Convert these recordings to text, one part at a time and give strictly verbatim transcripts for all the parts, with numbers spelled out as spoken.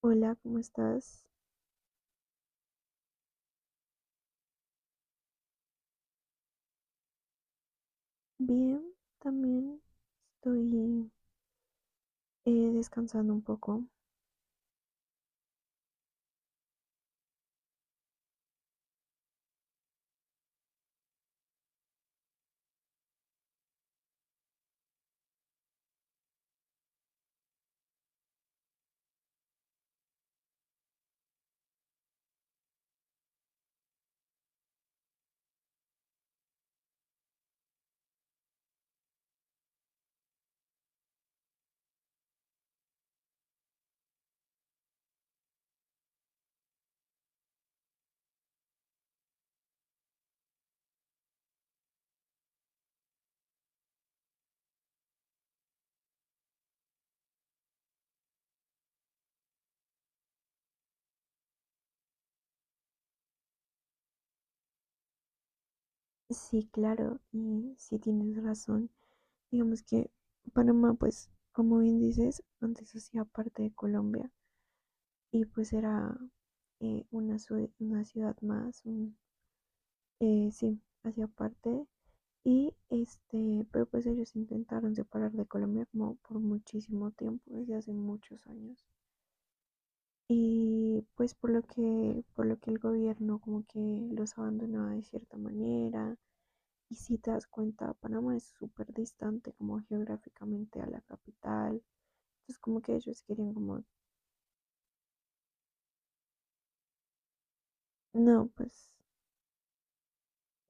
Hola, ¿cómo estás? Bien, también estoy eh, descansando un poco. Sí, claro, y sí tienes razón. Digamos que Panamá, pues, como bien dices, antes hacía parte de Colombia y pues era eh, una, ciu- una ciudad más, un, eh, sí, hacía parte. Y este, pero pues ellos intentaron separar de Colombia como por muchísimo tiempo, desde hace muchos años. Y pues por lo que, por lo que el gobierno como que los abandonaba de cierta manera. Y si te das cuenta, Panamá es súper distante como geográficamente a la capital. Entonces como que ellos querían como, no, pues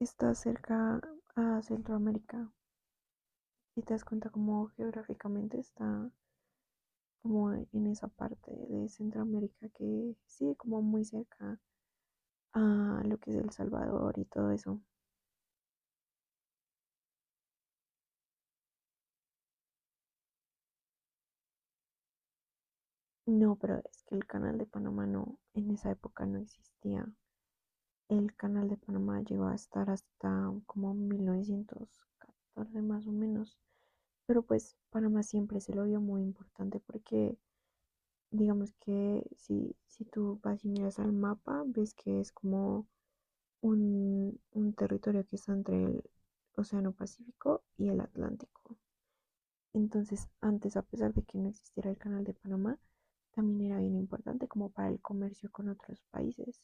está cerca a Centroamérica. Y te das cuenta como geográficamente está como en esa parte de Centroamérica que sigue como muy cerca a lo que es El Salvador y todo eso. No, pero es que el Canal de Panamá no, en esa época no existía. El Canal de Panamá llegó a estar hasta como mil novecientos catorce más o menos. Pero pues Panamá siempre se lo vio muy importante porque digamos que si, si tú vas y miras al mapa, ves que es como un, un territorio que está entre el Océano Pacífico y el Atlántico. Entonces antes, a pesar de que no existiera el Canal de Panamá, también era bien importante como para el comercio con otros países.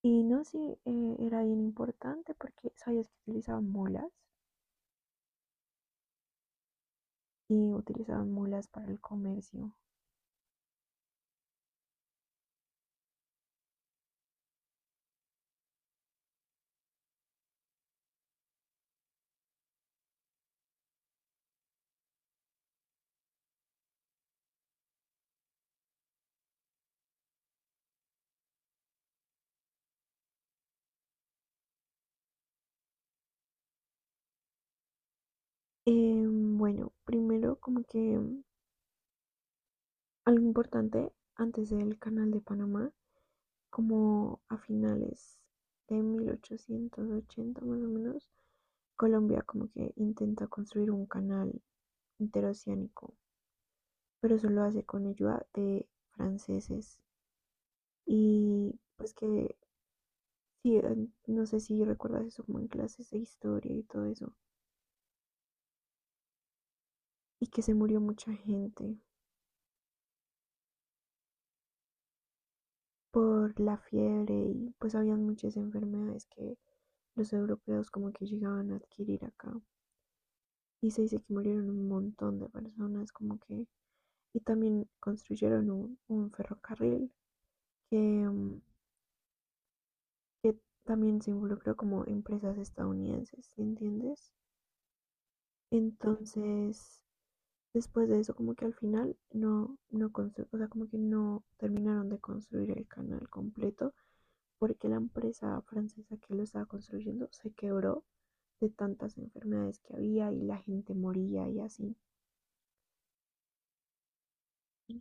Y no, sí, eh, era bien importante porque sabías que utilizaban mulas y utilizaban mulas para el comercio. Eh, bueno, primero como que algo importante antes del canal de Panamá, como a finales de mil ochocientos ochenta más o menos, Colombia como que intenta construir un canal interoceánico, pero solo hace con ayuda de franceses. Y pues que, sí, eh, no sé si recuerdas eso como en clases de historia y todo eso. Y que se murió mucha gente por la fiebre y pues habían muchas enfermedades que los europeos como que llegaban a adquirir acá. Y se dice que murieron un montón de personas como que... Y también construyeron un, un ferrocarril que, mm, que también se involucró como empresas estadounidenses, ¿sí, entiendes? Entonces, después de eso como que al final no, no constru- o sea, como que no terminaron de construir el canal completo porque la empresa francesa que lo estaba construyendo se quebró de tantas enfermedades que había y la gente moría y así. Y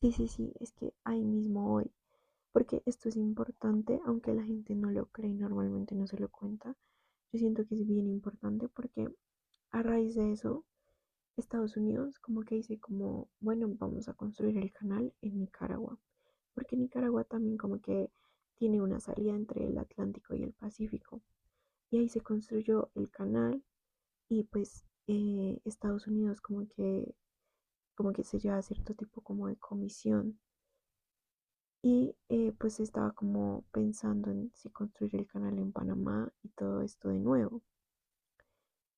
sí, sí, sí, es que ahí mismo hoy, porque esto es importante, aunque la gente no lo cree y normalmente no se lo cuenta, yo siento que es bien importante porque a raíz de eso, Estados Unidos como que dice como, bueno, vamos a construir el canal en Nicaragua. Porque Nicaragua también como que tiene una salida entre el Atlántico y el Pacífico. Y ahí se construyó el canal y pues eh, Estados Unidos como que, como que se lleva cierto tipo como de comisión. Y eh, pues estaba como pensando en si construir el canal en Panamá y todo esto de nuevo.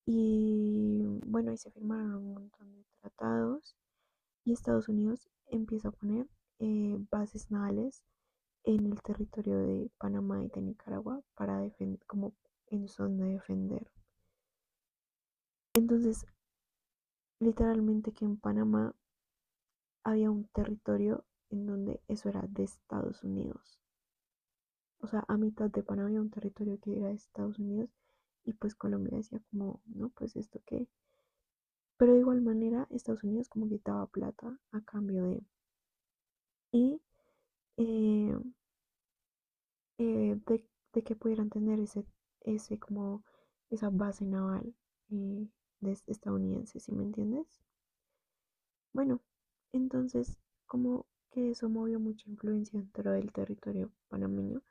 Y bueno, ahí se firmaron un montón de tratados y Estados Unidos empieza a poner eh, bases navales en el territorio de Panamá y de Nicaragua para defender, como en son de defender. Entonces, literalmente que en Panamá había un territorio en donde eso era de Estados Unidos. O sea, a mitad de Panamá había un territorio que era de Estados Unidos y pues Colombia decía como, no, pues esto qué. Pero de igual manera Estados Unidos como que daba plata a cambio de... Y eh, eh, de, de que pudieran tener ese, ese como esa base naval eh, de- estadounidense, ¿sí me entiendes? Bueno, entonces como que eso movió mucha influencia dentro del territorio panameño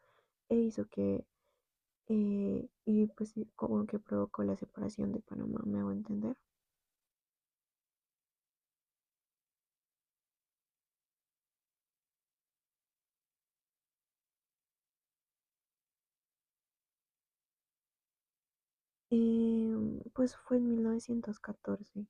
e hizo que, eh, y pues sí, como que provocó la separación de Panamá, me hago entender. Em, pues fue en mil novecientos catorce,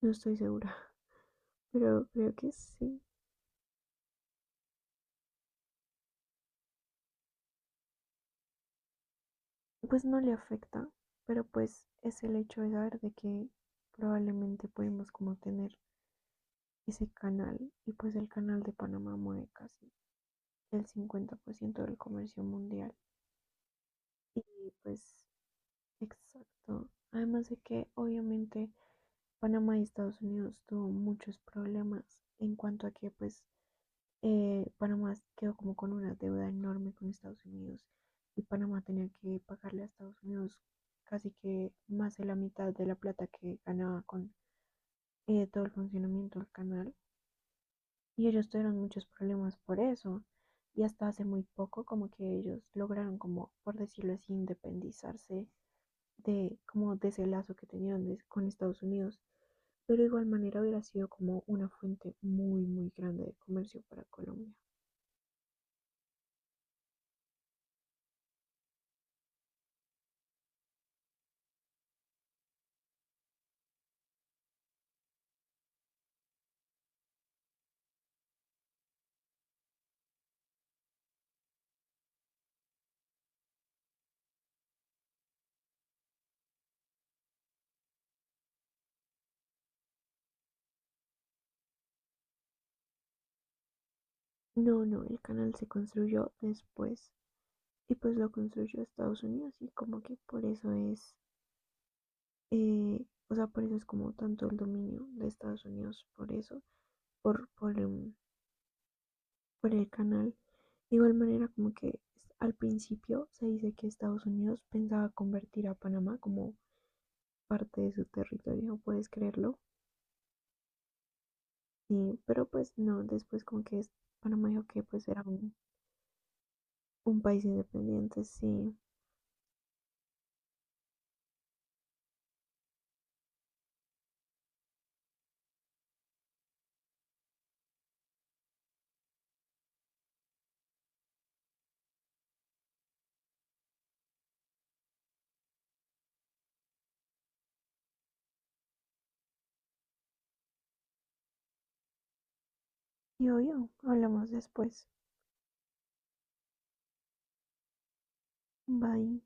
no estoy segura, pero creo que sí. Pues no le afecta, pero pues es el hecho, de saber de que probablemente podemos como tener ese canal y pues el canal de Panamá mueve casi el cincuenta por ciento del comercio mundial. Y pues exacto. Además de que obviamente Panamá y Estados Unidos tuvo muchos problemas en cuanto a que pues eh, Panamá quedó como con una deuda enorme con Estados Unidos y Panamá tenía que pagarle a Estados Unidos casi que más de la mitad de la plata que ganaba con eh, todo el funcionamiento del canal y ellos tuvieron muchos problemas por eso y hasta hace muy poco como que ellos lograron como por decirlo así independizarse de como de ese lazo que tenían de- con Estados Unidos, pero de igual manera hubiera sido como una fuente muy muy grande de comercio para Colombia. No, no, el canal se construyó después y pues lo construyó Estados Unidos y como que por eso es, eh, o sea, por eso es como tanto el dominio de Estados Unidos, por eso, por, por, um, por el canal. De igual manera como que al principio se dice que Estados Unidos pensaba convertir a Panamá como parte de su territorio, ¿puedes creerlo? Sí, pero pues no, después como que Panamá dijo que pues era un, un país independiente, sí. Y obvio, hablamos después. Bye.